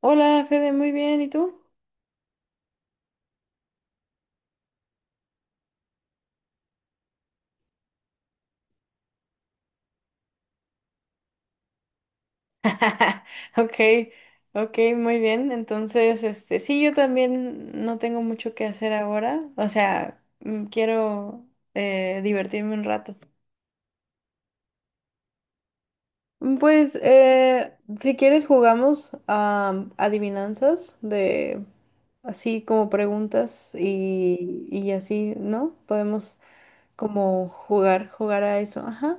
Hola, Fede, muy bien, ¿y tú? Ok, ok, muy bien. Entonces, este, sí, yo también no tengo mucho que hacer ahora. O sea, quiero divertirme un rato. Pues, si quieres, jugamos a adivinanzas de así como preguntas y así, ¿no? Podemos como jugar, jugar a eso. Ajá,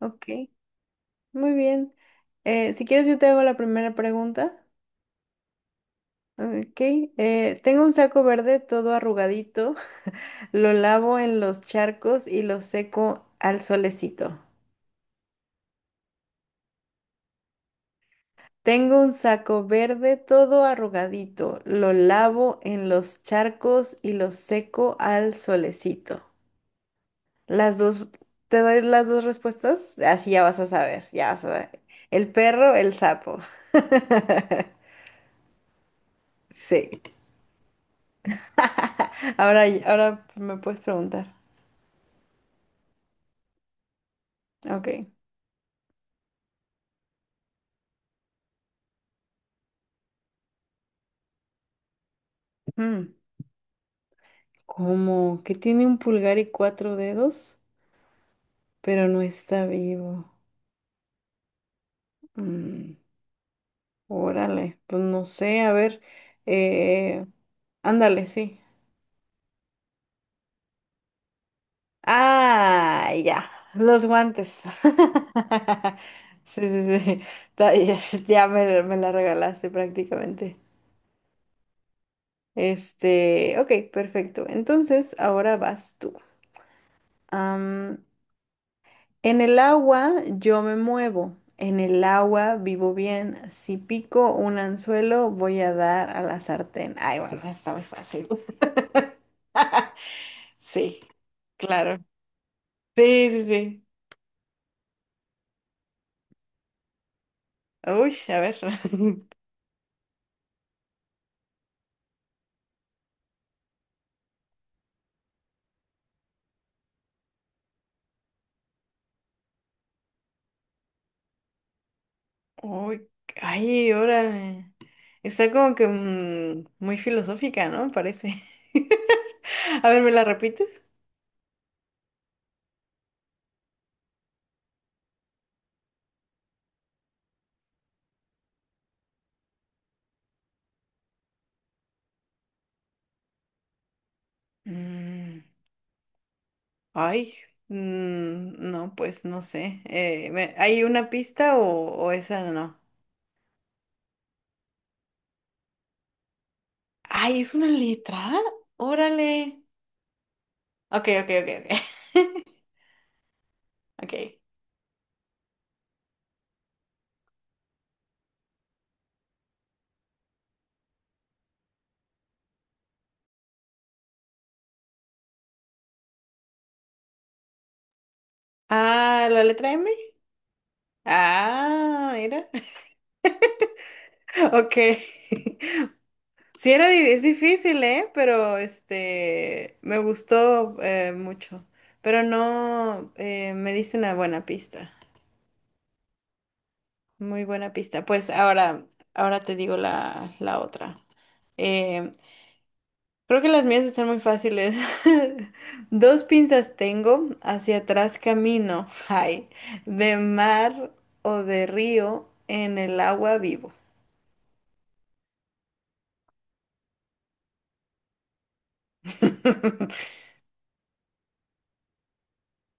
ok, muy bien. Si quieres, yo te hago la primera pregunta. Ok, tengo un saco verde todo arrugadito, lo lavo en los charcos y lo seco al solecito. Tengo un saco verde todo arrugadito, lo lavo en los charcos y lo seco al solecito. Las dos, te doy las dos respuestas, así ya vas a saber, ya vas a ver. El perro, el sapo. Sí. Ahora me puedes preguntar. Ok. Mm. ¿Cómo? ¿Que tiene un pulgar y cuatro dedos? Pero no está vivo. Mm, órale, pues no sé, a ver. eh, ándale, sí. Ah, ya, los guantes. Sí, sí, sí. Ya, ya me la regalaste prácticamente. Este, ok, perfecto. Entonces, ahora vas tú. En el agua yo me muevo, en el agua vivo bien. Si pico un anzuelo, voy a dar a la sartén. Ay, bueno, está muy fácil. Sí, claro. Sí, sí, sí. Uy, a ver. Uy, ay, órale. Está como que muy filosófica, ¿no? Parece. A ver, ¿me la repites? Mm. Ay, no, pues no sé. ¿Hay una pista o esa no? Ay, ¿es una letra? Órale. Ok, ok, ok, ok. Ok. Ah, ¿la letra M? Ah, mira. Ok. Sí, es difícil, ¿eh? Pero este, me gustó mucho. Pero no, me diste una buena pista. Muy buena pista. Pues ahora te digo la otra. Eh, Creo que las mías están muy fáciles. Dos pinzas tengo, hacia atrás camino. Ay, de mar o de río, en el agua vivo.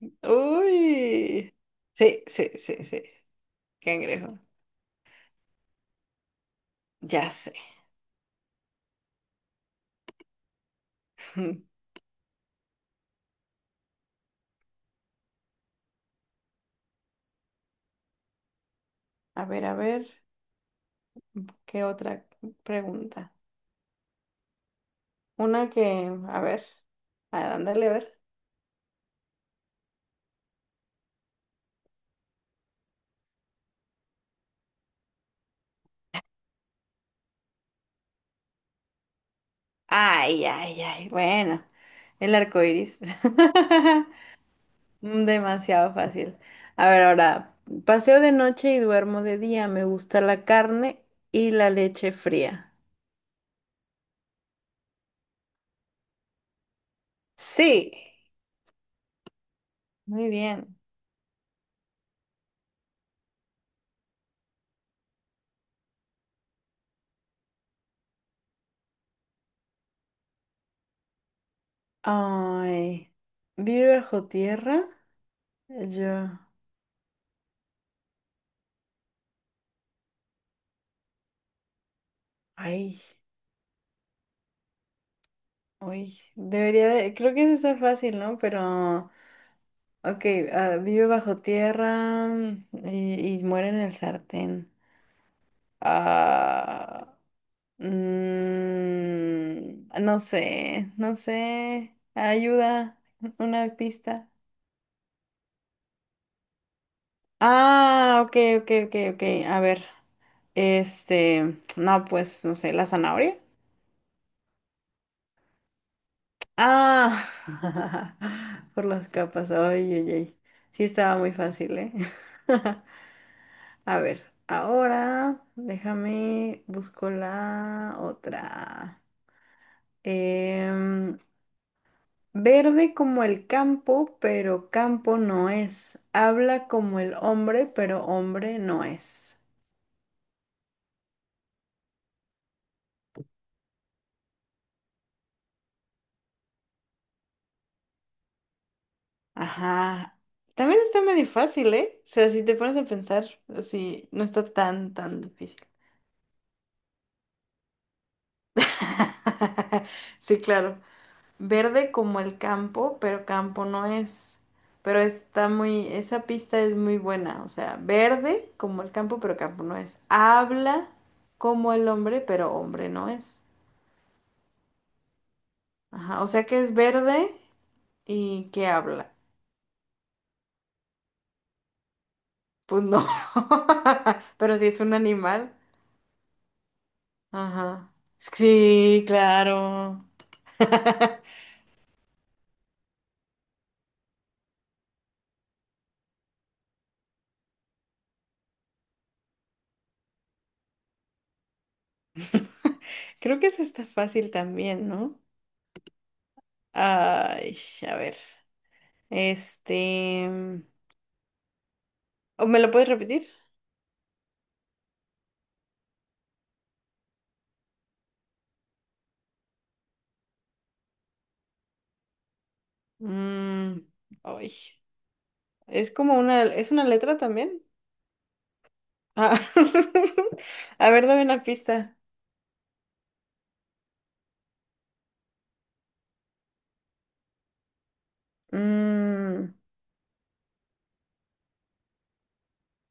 Uy. Sí, sí, sí, sí. Cangrejo. Ya sé. A ver, ¿qué otra pregunta? Una que, a ver, a ándale, a ver. Ay, ay, ay. Bueno, el arco iris. Demasiado fácil. A ver, ahora, paseo de noche y duermo de día. Me gusta la carne y la leche fría. Sí, muy bien. Ay, ¿vive bajo tierra? Yo, Ay, uy, debería de, creo que eso está fácil, ¿no? Pero, ok, ah, vive bajo tierra y muere en el sartén. Ah. No sé, no sé. Ayuda, una pista. Ah, ok, ok, ok, ok. A ver, este, no, pues, no sé, la zanahoria. Ah, por las capas. Ay, ay, ay. Sí estaba muy fácil, ¿eh? A ver, ahora déjame, busco la otra. Em, Verde como el campo, pero campo no es. Habla como el hombre, pero hombre no es. Ajá. También está medio fácil, ¿eh? O sea, si te pones a pensar, así no está tan, tan difícil. Sí, claro. Verde como el campo, pero campo no es. Pero está esa pista es muy buena. O sea, verde como el campo, pero campo no es. Habla como el hombre, pero hombre no es. Ajá, o sea que es verde y que habla. Pues no. Pero si es un animal. Ajá. Sí, claro. Creo que eso está fácil también, ¿no? Ay, a ver. Este. ¿O me lo puedes repetir? Mm, ay. Es como una. ¿Es una letra también? Ah. A ver, dame una pista. Mm,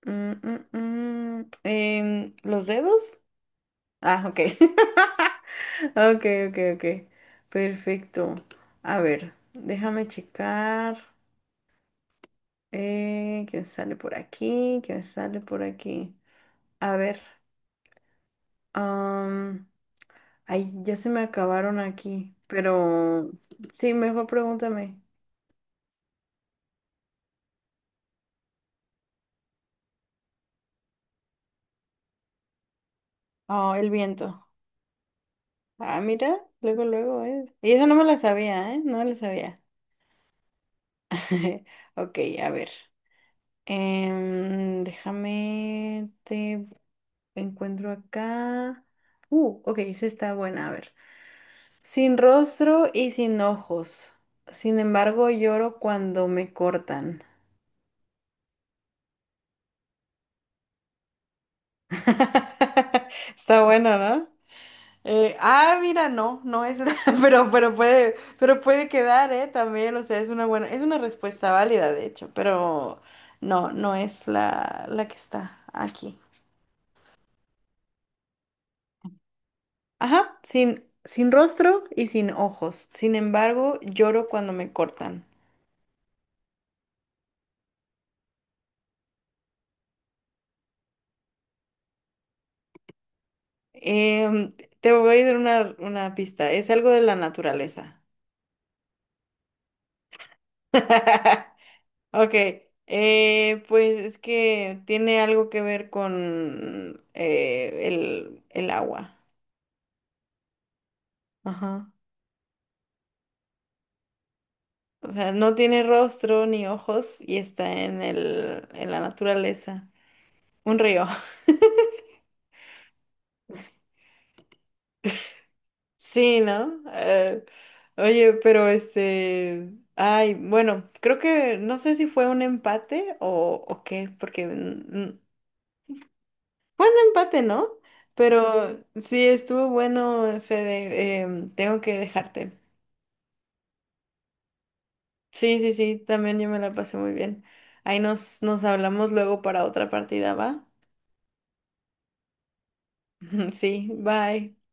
mm, mm, mm. ¿Los dedos? Ah, ok. Ok, ok, ok. Perfecto. A ver, déjame checar. ¿Qué me sale por aquí? ¿Qué me sale por aquí? A ver. am, ay, ya se me acabaron aquí. Pero sí, mejor pregúntame. Oh, el viento. Ah, mira, luego, luego. Y eso no me la sabía, ¿eh? No me la sabía. Ok, a ver. Déjame te encuentro acá. Ok, esa está buena. A ver. Sin rostro y sin ojos. Sin embargo, lloro cuando me cortan. Está bueno, ¿no? Ah, mira, no, no es, pero puede, pero puede quedar, ¿eh? También, o sea, es una buena, es una respuesta válida, de hecho, pero no, no es la que está aquí. Ajá, sin rostro y sin ojos. Sin embargo, lloro cuando me cortan. Em, te voy a dar una pista. Es algo de la naturaleza. Ok. Pues es que tiene algo que ver con el agua. Ajá. O sea, no tiene rostro ni ojos y está en en la naturaleza. Un río. Sí, ¿no? Oye, pero este, ay, bueno, creo que no sé si fue un empate o qué, porque empate, ¿no? Pero sí, estuvo bueno, Fede. Tengo que dejarte. Sí, sí, sí, también yo me la pasé muy bien. Ahí nos hablamos luego para otra partida, ¿va? Sí, bye.